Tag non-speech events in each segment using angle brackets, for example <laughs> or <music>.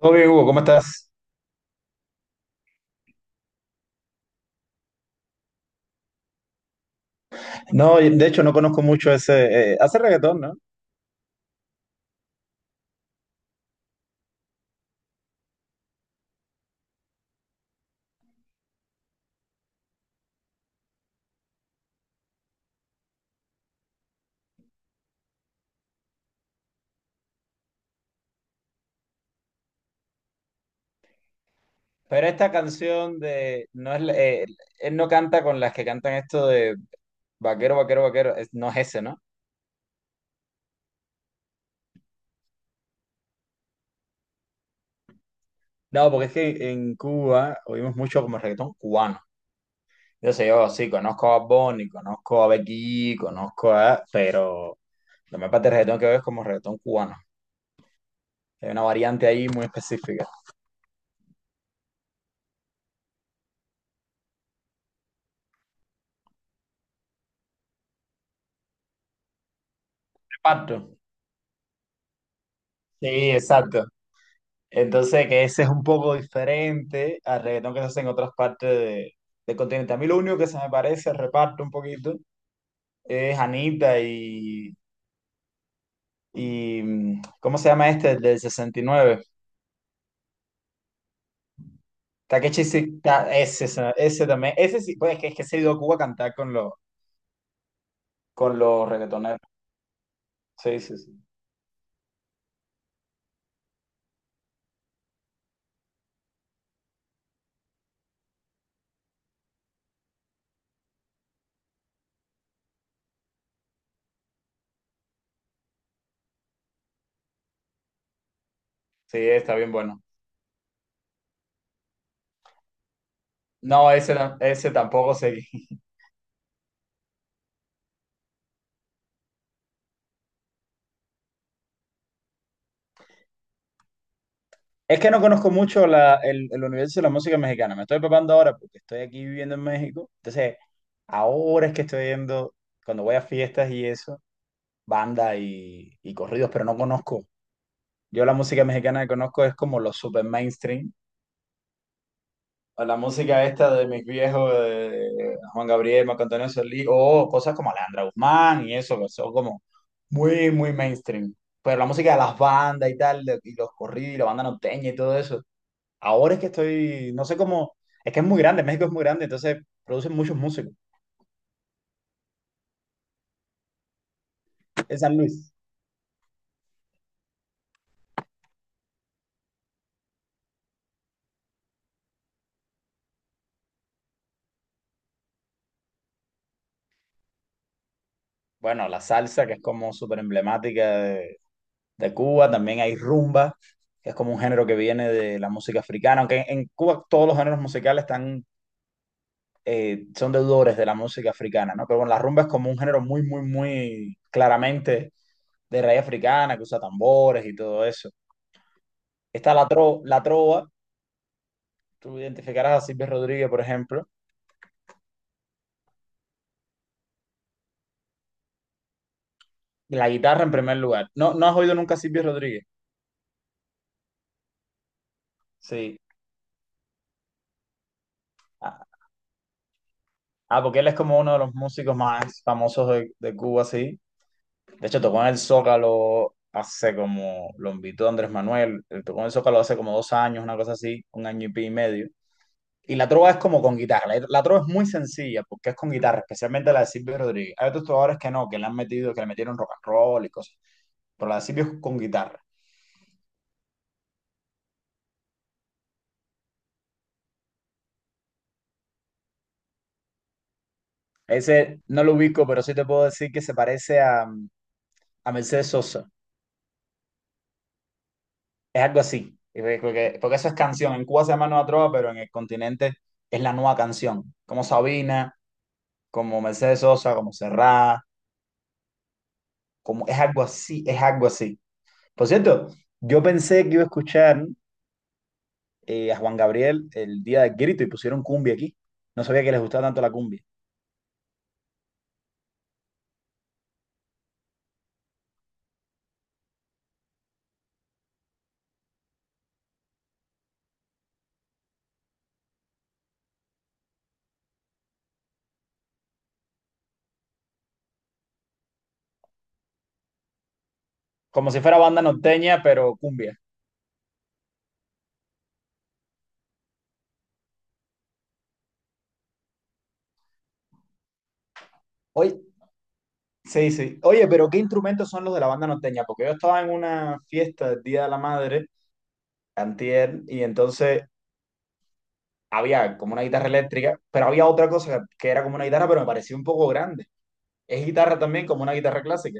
Todo bien, Hugo, ¿cómo estás? No, de hecho no conozco mucho ese, hace reggaetón, ¿no? Pero esta canción de, no es, él no canta con las que cantan esto de vaquero, vaquero, vaquero, no es ese, ¿no? No, porque es que en Cuba oímos mucho como reggaetón cubano. Yo sé, yo sí, conozco a Bonnie, conozco a Becky, pero la mayor parte del reggaetón que veo es como reggaetón cubano. Hay una variante ahí muy específica. Reparto. Sí, exacto. Entonces, que ese es un poco diferente al reggaetón que se hace en otras partes del continente. A mí lo único que se me parece, al reparto un poquito, es Anita y ¿cómo se llama este? El del 69. Takeshi, ese también. Ese sí, pues es que se ha ido a Cuba a cantar con los reggaetoneros. Sí, sí, sí. Sí, está bien bueno. No, ese tampoco seguí. <laughs> Es que no conozco mucho el universo de la música mexicana. Me estoy preparando ahora porque estoy aquí viviendo en México. Entonces, ahora es que estoy viendo, cuando voy a fiestas y eso, bandas y corridos, pero no conozco. Yo la música mexicana que conozco es como los super mainstream. O la música esta de mis viejos, de Juan Gabriel, Marco Antonio Solís, o cosas como Alejandra Guzmán y eso, que son como muy, muy mainstream. Pero la música de las bandas y tal, y los corridos y la banda norteña y todo eso. Ahora es que estoy, no sé cómo, es que es muy grande, México es muy grande, entonces producen muchos músicos. En San Luis. Bueno, la salsa, que es como súper emblemática de Cuba, también hay rumba, que es como un género que viene de la música africana, aunque en Cuba todos los géneros musicales son deudores de la música africana, ¿no? Pero bueno, la rumba es como un género muy, muy, muy claramente de raíz africana, que usa tambores y todo eso. Está la trova, tú identificarás a Silvio Rodríguez, por ejemplo. La guitarra en primer lugar. ¿No, no has oído nunca a Silvio Rodríguez? Sí. Ah, ah, porque él es como uno de los músicos más famosos de Cuba, sí. De hecho, tocó en el Zócalo hace como, lo invitó Andrés Manuel, él tocó en el Zócalo hace como 2 años, una cosa así, un año y pico y medio. Y la trova es como con guitarra. La trova es muy sencilla porque es con guitarra, especialmente la de Silvio Rodríguez. Hay otros trovadores que no, que le metieron rock and roll y cosas. Pero la de Silvio es con guitarra. Ese no lo ubico, pero sí te puedo decir que se parece a Mercedes Sosa. Es algo así, y porque, porque eso es canción. En Cuba se llama Nueva Trova, pero en el continente es la nueva canción, como Sabina, como Mercedes Sosa, como Serrat, como es algo así, es algo así. Por cierto, yo pensé que iba a escuchar a Juan Gabriel el día del grito y pusieron cumbia aquí. No sabía que les gustaba tanto la cumbia. Como si fuera banda norteña, pero cumbia. Oye, sí, sí. Oye, pero ¿qué instrumentos son los de la banda norteña? Porque yo estaba en una fiesta del Día de la Madre, antier, y entonces había como una guitarra eléctrica, pero había otra cosa que era como una guitarra, pero me parecía un poco grande. Es guitarra también, como una guitarra clásica.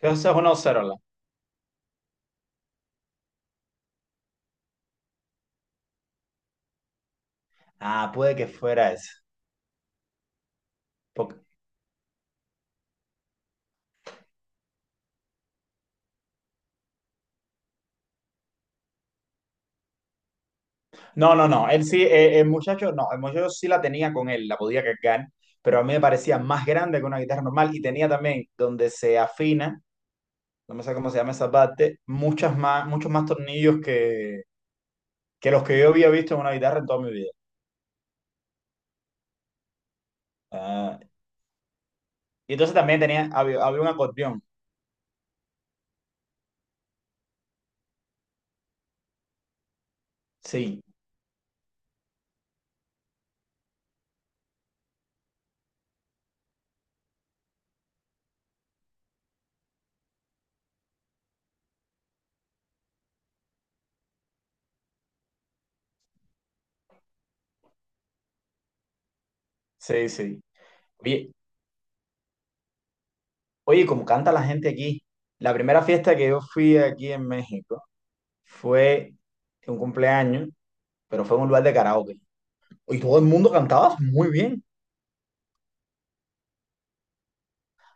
Entonces eso es una Ocerola. Ah, puede que fuera esa. Porque- No, no, no. Él sí, el muchacho, no, el muchacho sí la tenía con él, la podía cargar, pero a mí me parecía más grande que una guitarra normal y tenía también donde se afina, no me sé cómo se llama esa parte, muchas más, muchos más tornillos que los que yo había visto en una guitarra en toda mi vida. Ah, y entonces también tenía, había un acordeón. Sí, sí, sí. Oye, como canta la gente aquí, la primera fiesta que yo fui aquí en México fue un cumpleaños, pero fue en un lugar de karaoke. Y todo el mundo cantaba muy bien.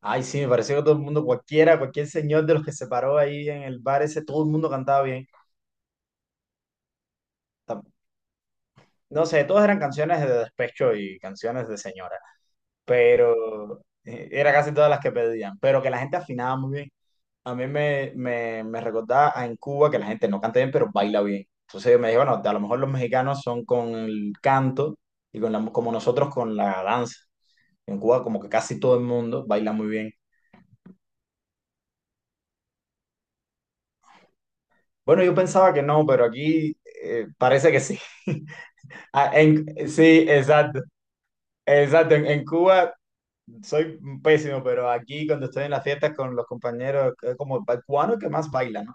Ay, sí, me pareció que todo el mundo, cualquiera, cualquier señor de los que se paró ahí en el bar ese, todo el mundo cantaba bien. Ta- No sé, todas eran canciones de despecho y canciones de señora, pero era casi todas las que pedían, pero que la gente afinaba muy bien. A mí me recordaba a en Cuba que la gente no canta bien, pero baila bien. Entonces me dije, bueno, a lo mejor los mexicanos son con el canto y con la, como nosotros con la danza. En Cuba como que casi todo el mundo baila muy bien. Bueno, yo pensaba que no, pero aquí parece que sí. <laughs> Ah, sí, exacto. Exacto, en Cuba soy pésimo, pero aquí cuando estoy en las fiestas con los compañeros, es como el cubano que más baila, ¿no?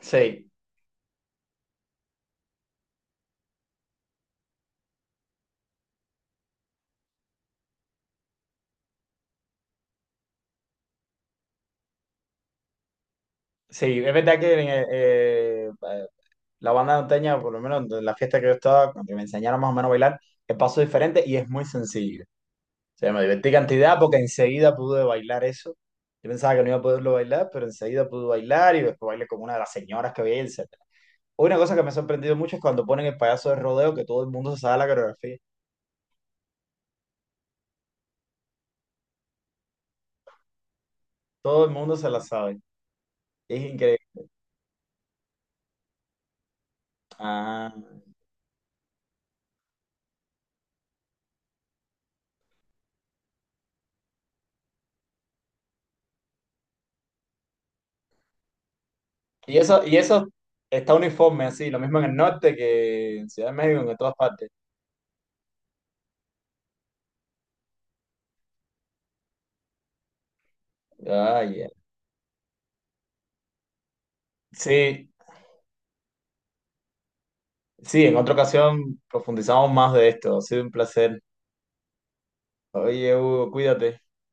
Sí, sí, es verdad que la banda norteña, por lo menos en la fiesta que yo estaba, cuando me enseñaron más o menos a bailar, el paso es diferente y es muy sencillo. O sea, me divertí cantidad porque enseguida pude bailar eso. Yo pensaba que no iba a poderlo bailar, pero enseguida pude bailar y después bailé como una de las señoras que había, etcétera. Una cosa que me ha sorprendido mucho es cuando ponen el payaso de rodeo, que todo el mundo se sabe la coreografía. Todo el mundo se la sabe. Es increíble. Ah. Y eso está uniforme así, lo mismo en el norte que en Ciudad de México, que en todas partes. Ah, ya. Sí, sí, en otra ocasión profundizamos más de esto. Ha sido un placer. Oye, Hugo, cuídate.